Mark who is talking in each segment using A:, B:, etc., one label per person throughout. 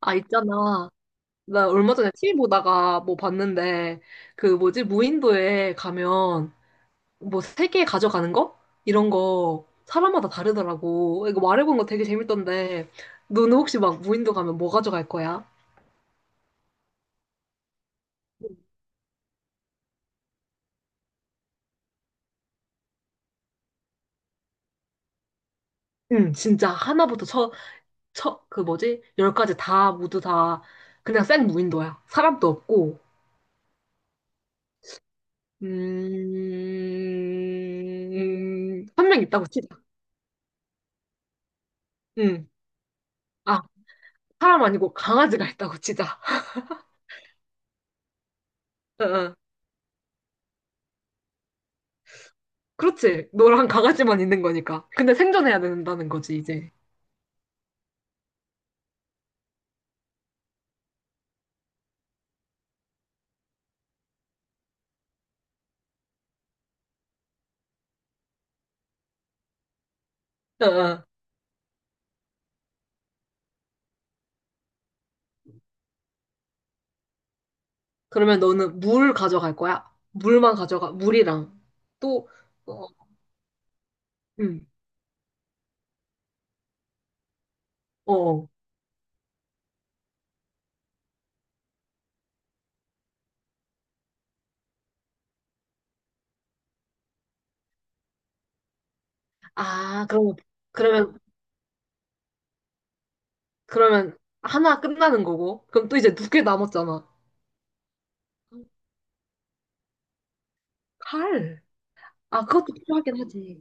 A: 아, 있잖아. 나 얼마 전에 TV 보다가 뭐 봤는데, 무인도에 가면 뭐 세 개 가져가는 거? 이런 거 사람마다 다르더라고. 이거 말해본 거 되게 재밌던데, 너는 혹시 막 무인도 가면 뭐 가져갈 거야? 응, 진짜 하나부터 열까지 다, 모두 다, 그냥 생 무인도야. 사람도 없고, 한 명 있다고 치자. 응. 아, 사람 아니고 강아지가 있다고 치자. 어, 어. 그렇지. 너랑 강아지만 있는 거니까. 근데 생존해야 된다는 거지, 이제. 어, 어. 그러면 너는 물 가져갈 거야? 물만 가져가, 물이랑. 또, 어, 응, 어. 어. 아, 그럼, 그러면, 그러면 하나 끝나는 거고. 그럼 또 이제 두 개 남았잖아. 칼. 아, 그것도 필요하긴 하지.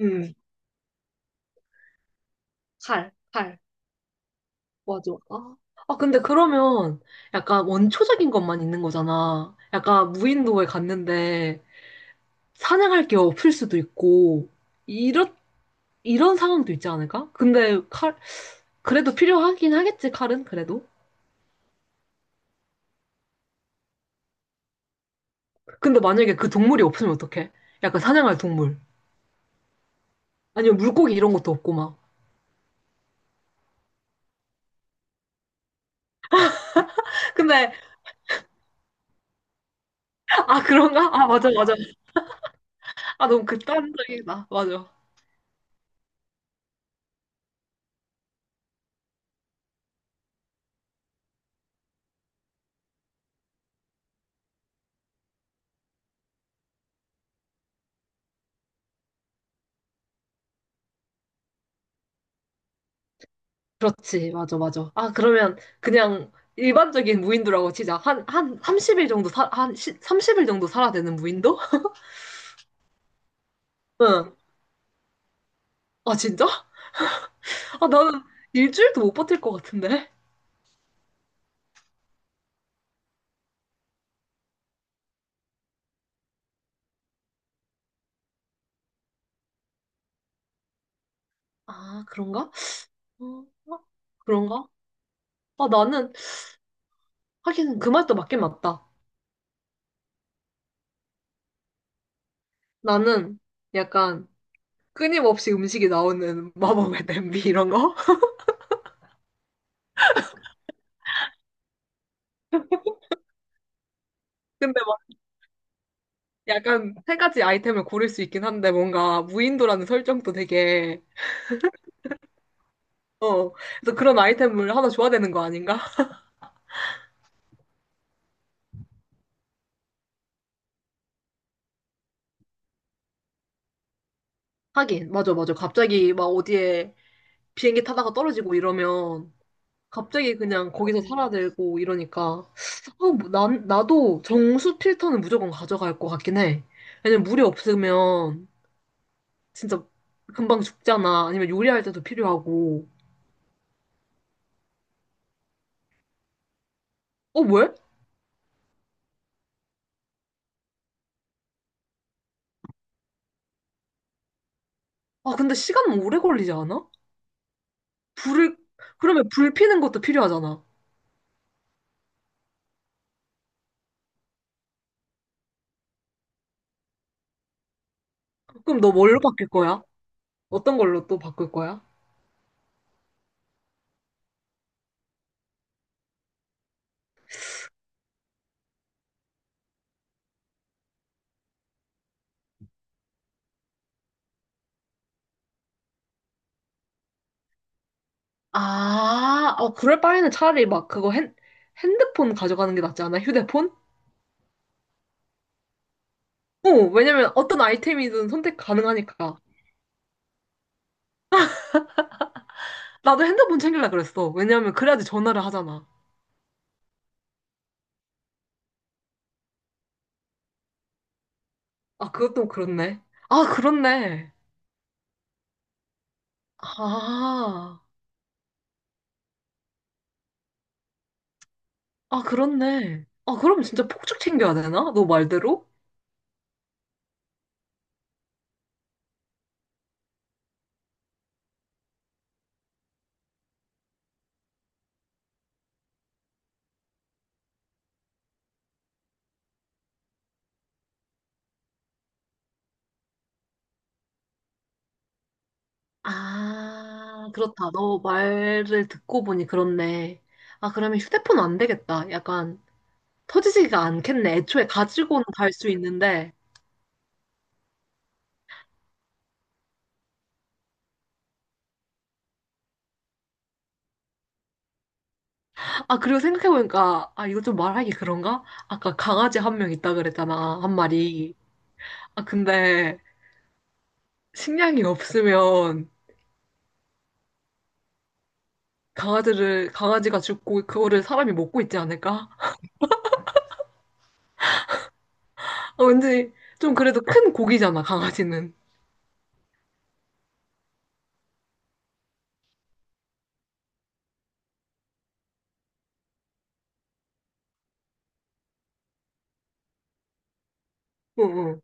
A: 응, 칼. 맞아. 아, 아, 근데 그러면 약간 원초적인 것만 있는 거잖아. 약간 무인도에 갔는데 사냥할 게 없을 수도 있고, 이런, 이런 상황도 있지 않을까? 근데 칼, 그래도 필요하긴 하겠지, 칼은, 그래도. 근데 만약에 그 동물이 없으면 어떡해? 약간 사냥할 동물. 아니면 물고기 이런 것도 없고 막. 근데, 아, 그런가? 아, 맞아, 맞아. 아, 너무 극단적이다. 맞아. 그렇지, 맞아, 맞아. 아, 그러면 그냥 일반적인 무인도라고 치자. 한 30일 정도 30일 정도 살아야 되는 무인도? 응. 아, 진짜? 아, 나는 일주일도 못 버틸 것 같은데? 아, 그런가? 어, 어? 그런가? 아, 나는, 하긴 그 말도 맞긴 맞다. 나는 약간 끊임없이 음식이 나오는 마법의 냄비 이런 거? 근데 막 약간 세 가지 아이템을 고를 수 있긴 한데 뭔가 무인도라는 설정도 되게, 어, 그래서 그런 아이템을 하나 줘야 되는 거 아닌가? 하긴, 맞아, 맞아. 갑자기 막 어디에 비행기 타다가 떨어지고 이러면 갑자기 그냥 거기서 살아들고 이러니까 아, 뭐 나도 정수 필터는 무조건 가져갈 것 같긴 해. 왜냐면 물이 없으면 진짜 금방 죽잖아. 아니면 요리할 때도 필요하고. 어, 왜? 아, 근데 시간 오래 걸리지 않아? 불을 그러면 불 피는 것도 필요하잖아. 그럼 너 뭘로 바뀔 거야? 어떤 걸로 또 바꿀 거야? 아, 어, 그럴 바에는 차라리 막 핸드폰 가져가는 게 낫지 않아? 휴대폰? 어, 왜냐면 어떤 아이템이든 선택 가능하니까. 나도 핸드폰 챙길라 그랬어. 왜냐면 그래야지 전화를 하잖아. 아, 그것도 그렇네. 아, 그렇네. 아, 아, 그렇네. 아, 그럼 진짜 폭죽 챙겨야 되나? 너 말대로? 아, 그렇다. 너 말을 듣고 보니 그렇네. 아, 그러면 휴대폰 안 되겠다. 약간 터지지가 않겠네. 애초에 가지고는 갈 수 있는데. 아, 그리고 생각해보니까, 아, 이거 좀 말하기 그런가? 아까 강아지 한 명 있다 그랬잖아. 한 마리. 아, 근데 식량이 없으면 강아지가 죽고 그거를 사람이 먹고 있지 않을까? 아, 왠지 좀 그래도 큰 고기잖아, 강아지는. 응, 응,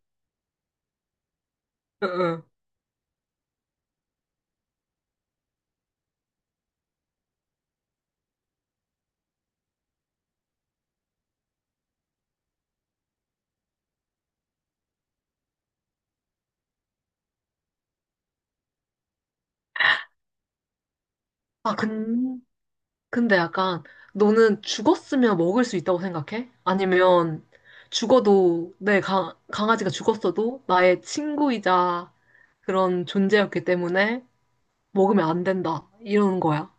A: 응, 응. 아, 근데 약간 너는 죽었으면 먹을 수 있다고 생각해? 아니면 죽어도 내 강아지가 죽었어도 나의 친구이자 그런 존재였기 때문에 먹으면 안 된다. 이러는 거야.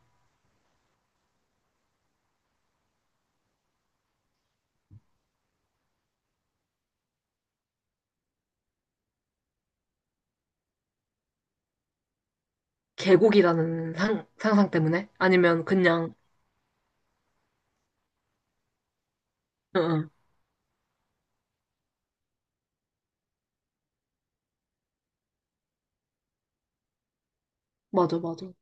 A: 개고기라는 상상 때문에? 아니면 그냥, 응, 응. 맞아, 맞아.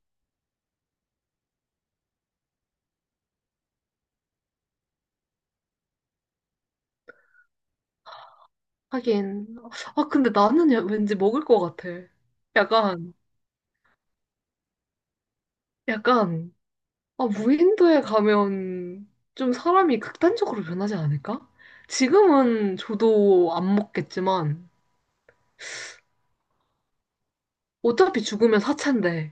A: 하긴. 아, 근데 나는 야- 왠지 먹을 것 같아. 약간, 약간, 아, 무인도에 가면 좀 사람이 극단적으로 변하지 않을까? 지금은 저도 안 먹겠지만, 어차피 죽으면 사체인데,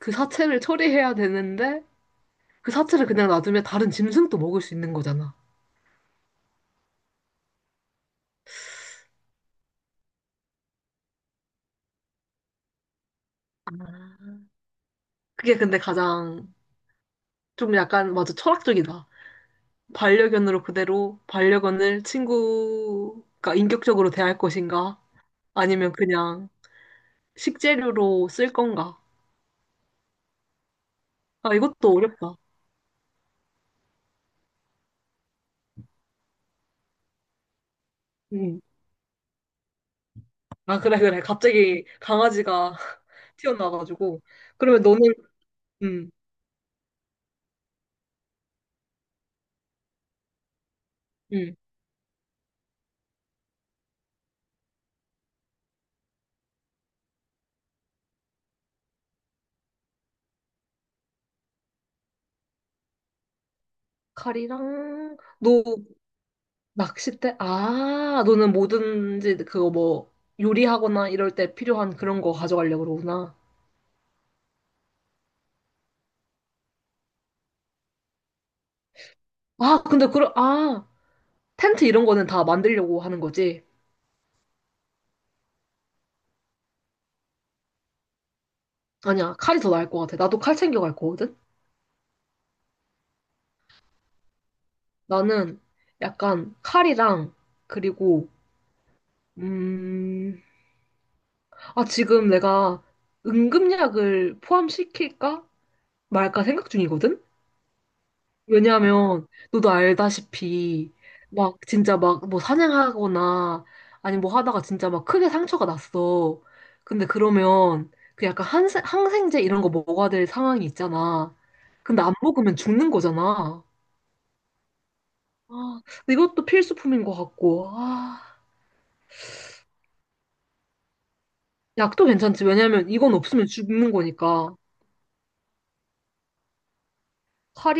A: 그 사체를 처리해야 되는데, 그 사체를 그냥 놔두면 다른 짐승도 먹을 수 있는 거잖아. 그게 근데 가장 좀 약간, 맞아, 철학적이다. 반려견으로 그대로 반려견을 친구가 인격적으로 대할 것인가? 아니면 그냥 식재료로 쓸 건가? 아, 이것도 어렵다. 음. 아, 그래, 그래. 갑자기 강아지가 튀어나와가지고. 그러면 너는, 음, 음. 칼이랑, 너 낚싯대? 아, 너는 뭐든지 그거 뭐 요리하거나 이럴 때 필요한 그런 거 가져가려고 그러구나. 아, 근데 그런, 아, 텐트 이런 거는 다 만들려고 하는 거지. 아니야, 칼이 더 나을 것 같아. 나도 칼 챙겨갈 거거든? 나는 약간 칼이랑, 그리고, 음, 아, 지금 내가 응급약을 포함시킬까 말까 생각 중이거든? 왜냐하면 너도 알다시피 막 진짜 막 뭐 사냥하거나 아니 뭐 하다가 진짜 막 크게 상처가 났어. 근데 그러면 그 약간 항생제 이런 거 먹어야 될 상황이 있잖아. 근데 안 먹으면 죽는 거잖아. 아, 이것도 필수품인 것 같고. 아, 약도 괜찮지. 왜냐면 이건 없으면 죽는 거니까. 칼이